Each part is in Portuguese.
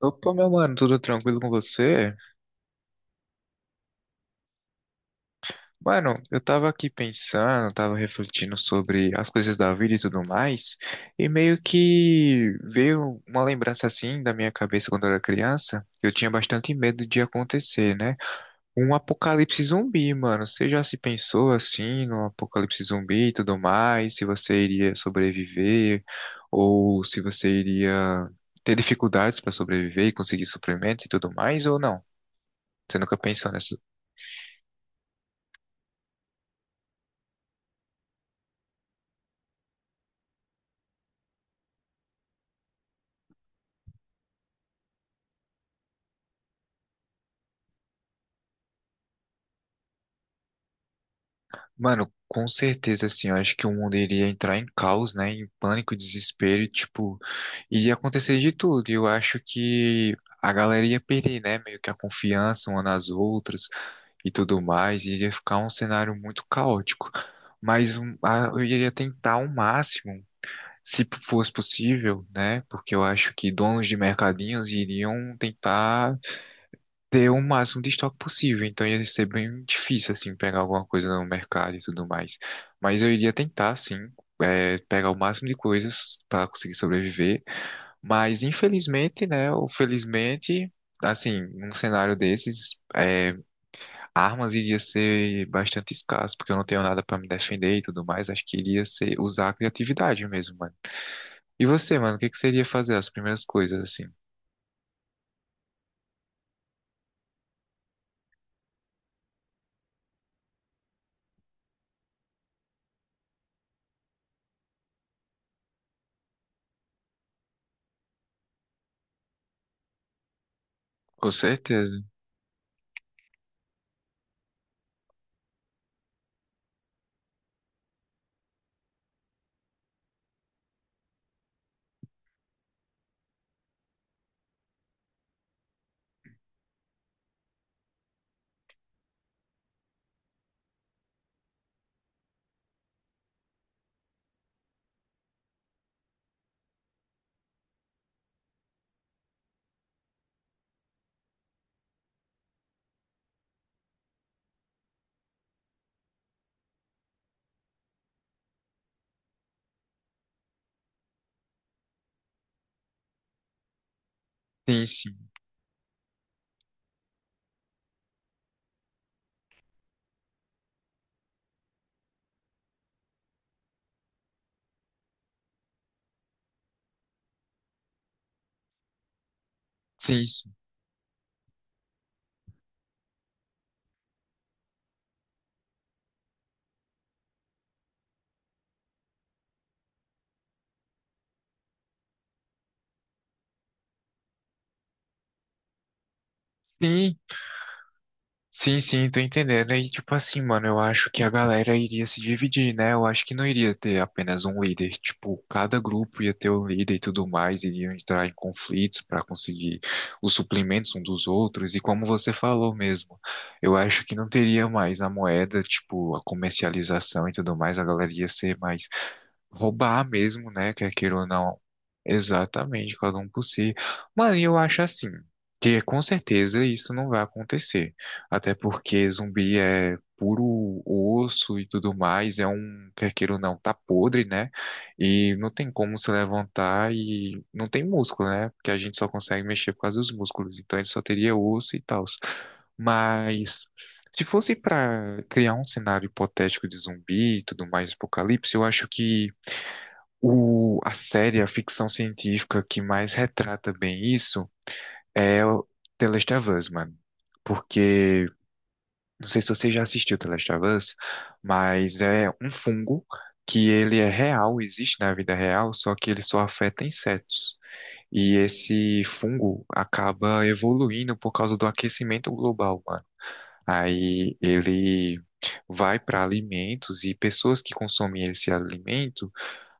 Opa, meu mano, tudo tranquilo com você? Mano, eu tava aqui pensando, tava refletindo sobre as coisas da vida e tudo mais, e meio que veio uma lembrança assim da minha cabeça quando eu era criança, que eu tinha bastante medo de acontecer, né? Um apocalipse zumbi, mano. Você já se pensou assim no apocalipse zumbi e tudo mais? Se você iria sobreviver ou se você iria ter dificuldades para sobreviver e conseguir suprimentos e tudo mais ou não? Você nunca pensou nessas. Mano, com certeza, assim, eu acho que o mundo iria entrar em caos, né? Em pânico, desespero, e, tipo, iria acontecer de tudo. E eu acho que a galera ia perder, né? Meio que a confiança uma nas outras e tudo mais. Iria ficar um cenário muito caótico. Mas eu iria tentar o máximo, se fosse possível, né? Porque eu acho que donos de mercadinhos iriam tentar ter o máximo de estoque possível, então ia ser bem difícil, assim, pegar alguma coisa no mercado e tudo mais. Mas eu iria tentar, sim, pegar o máximo de coisas para conseguir sobreviver. Mas infelizmente, né, ou felizmente, assim, num cenário desses, armas iria ser bastante escasso, porque eu não tenho nada para me defender e tudo mais. Acho que iria ser usar a criatividade mesmo, mano. E você, mano, o que que você iria fazer? As primeiras coisas, assim. Com certeza. Sim, sim. Sim, sim, sim Sim, sim, tô entendendo. E tipo assim, mano, eu acho que a galera iria se dividir, né? Eu acho que não iria ter apenas um líder. Tipo, cada grupo ia ter um líder e tudo mais, iriam entrar em conflitos para conseguir os suplementos um dos outros. E como você falou mesmo, eu acho que não teria mais a moeda, tipo, a comercialização e tudo mais, a galera ia ser mais. Roubar mesmo, né? Quer queira ou não. Exatamente, cada um por si. Mano, e eu acho assim, que com certeza isso não vai acontecer. Até porque zumbi é puro osso e tudo mais, é um, quer queira ou não, tá podre, né? E não tem como se levantar e não tem músculo, né? Porque a gente só consegue mexer por causa dos músculos. Então ele só teria osso e tal. Mas. Se fosse para criar um cenário hipotético de zumbi e tudo mais, apocalipse, eu acho que a série, a ficção científica que mais retrata bem isso é o The Last of Us, mano. Porque, não sei se você já assistiu The Last of Us, mas é um fungo que ele é real, existe na vida real, só que ele só afeta insetos. E esse fungo acaba evoluindo por causa do aquecimento global, mano. Aí ele vai para alimentos e pessoas que consomem esse alimento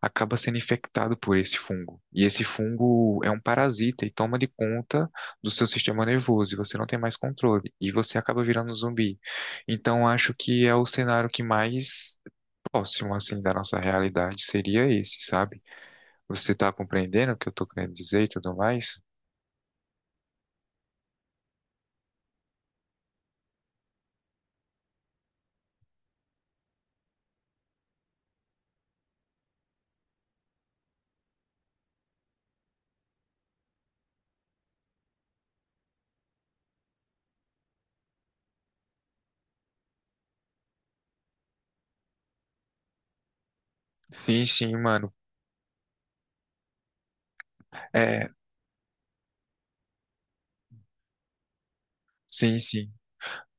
acaba sendo infectado por esse fungo. E esse fungo é um parasita e toma de conta do seu sistema nervoso e você não tem mais controle e você acaba virando um zumbi. Então acho que é o cenário que mais próximo assim da nossa realidade seria esse, sabe? Você tá compreendendo o que eu tô querendo dizer e tudo mais? Sim, sim, mano. É, sim, sim.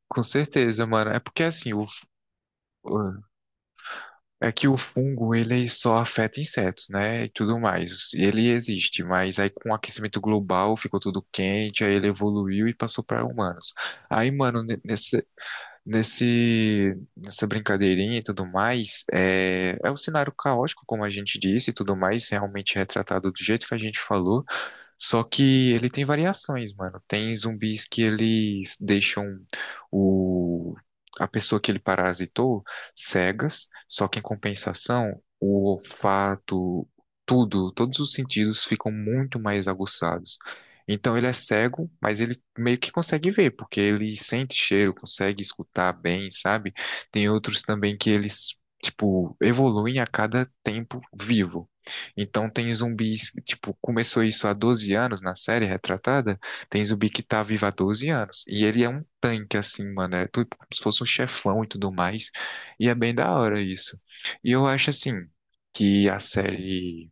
Com certeza, mano. É porque assim, é que o fungo, ele só afeta insetos, né? E tudo mais. Ele existe, mas aí com o aquecimento global ficou tudo quente, aí ele evoluiu e passou para humanos. Aí, mano, nessa brincadeirinha e tudo mais, é um cenário caótico, como a gente disse, e tudo mais, realmente retratado do jeito que a gente falou. Só que ele tem variações, mano. Tem zumbis que eles deixam o... a pessoa que ele parasitou cegas, só que em compensação, o olfato, tudo, todos os sentidos ficam muito mais aguçados. Então ele é cego, mas ele meio que consegue ver, porque ele sente cheiro, consegue escutar bem, sabe? Tem outros também que eles, tipo, evoluem a cada tempo vivo. Então tem zumbis, tipo, começou isso há 12 anos na série retratada, tem zumbi que tá vivo há 12 anos. E ele é um tanque, assim, mano, é tudo como se fosse um chefão e tudo mais. E é bem da hora isso. E eu acho, assim, que a série.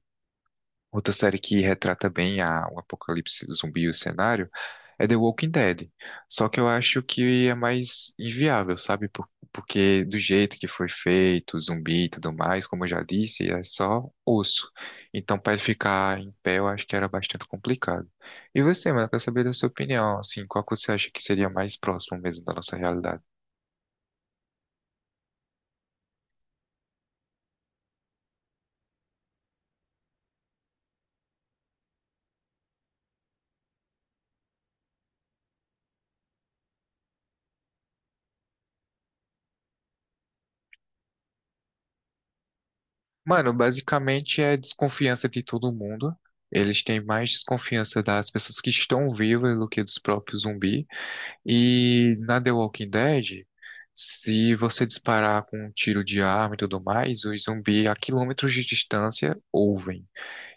Outra série que retrata bem o apocalipse zumbi e o cenário é The Walking Dead. Só que eu acho que é mais inviável, sabe? Porque do jeito que foi feito, zumbi e tudo mais, como eu já disse, é só osso. Então, para ele ficar em pé, eu acho que era bastante complicado. E você, mano, eu quero saber da sua opinião, assim, qual que você acha que seria mais próximo mesmo da nossa realidade? Mano, basicamente é desconfiança de todo mundo. Eles têm mais desconfiança das pessoas que estão vivas do que dos próprios zumbi. E na The Walking Dead, se você disparar com um tiro de arma e tudo mais, os zumbi a quilômetros de distância ouvem.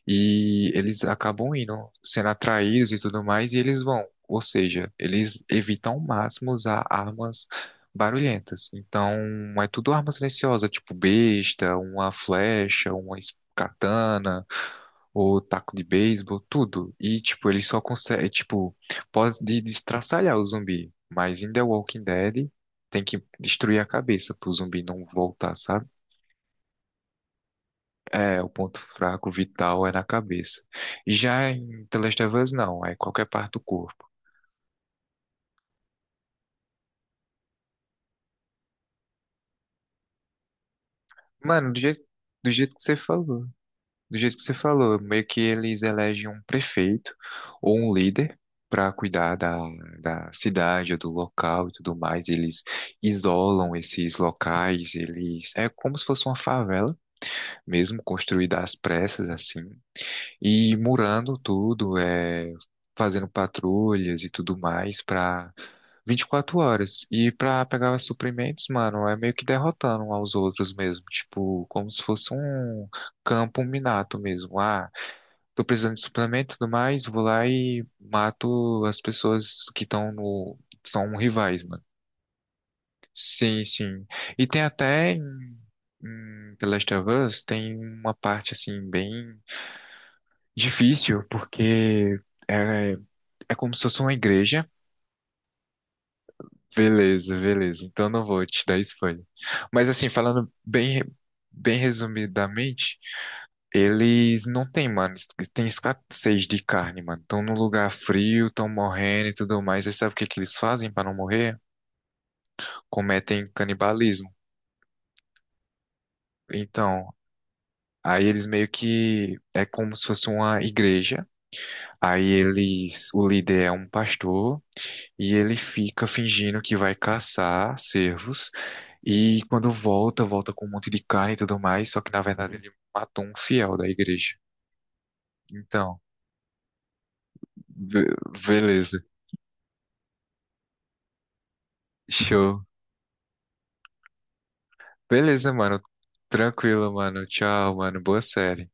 E eles acabam indo, sendo atraídos e tudo mais, e eles vão. Ou seja, eles evitam ao máximo usar armas barulhentas. Então, é tudo arma silenciosa, tipo besta, uma flecha, uma katana, ou taco de beisebol, tudo. E, tipo, eles só conseguem, tipo, pode destraçalhar o zumbi. Mas em The Walking Dead, tem que destruir a cabeça pro zumbi não voltar, sabe? É, o ponto fraco vital é na cabeça. Já em The Last of Us, não, é qualquer parte do corpo. Mano, do jeito que você falou, do jeito que você falou, meio que eles elegem um prefeito ou um líder para cuidar da, da cidade, ou do local e tudo mais. Eles isolam esses locais, eles. É como se fosse uma favela mesmo, construída às pressas, assim, e murando tudo, é, fazendo patrulhas e tudo mais para 24 horas. E pra pegar suprimentos, mano, é meio que derrotando um aos outros mesmo. Tipo, como se fosse um campo minado mesmo. Ah, tô precisando de suplemento e tudo mais, vou lá e mato as pessoas que estão no. São rivais, mano. Sim, sim. E tem até em The Last of Us, tem uma parte assim, bem difícil, porque é, é como se fosse uma igreja. Beleza, beleza. Então não vou te dar spoiler. Mas assim, falando bem, bem resumidamente, eles não têm, mano, tem escassez de carne, mano. Estão num lugar frio, estão morrendo e tudo mais. E sabe o que que eles fazem para não morrer? Cometem canibalismo. Então, aí eles meio que é como se fosse uma igreja. Aí eles, o líder é um pastor. E ele fica fingindo que vai caçar cervos e quando volta, volta com um monte de carne e tudo mais, só que na verdade ele matou um fiel da igreja. Então, be- beleza, show. Beleza, mano. Tranquilo, mano. Tchau, mano. Boa série.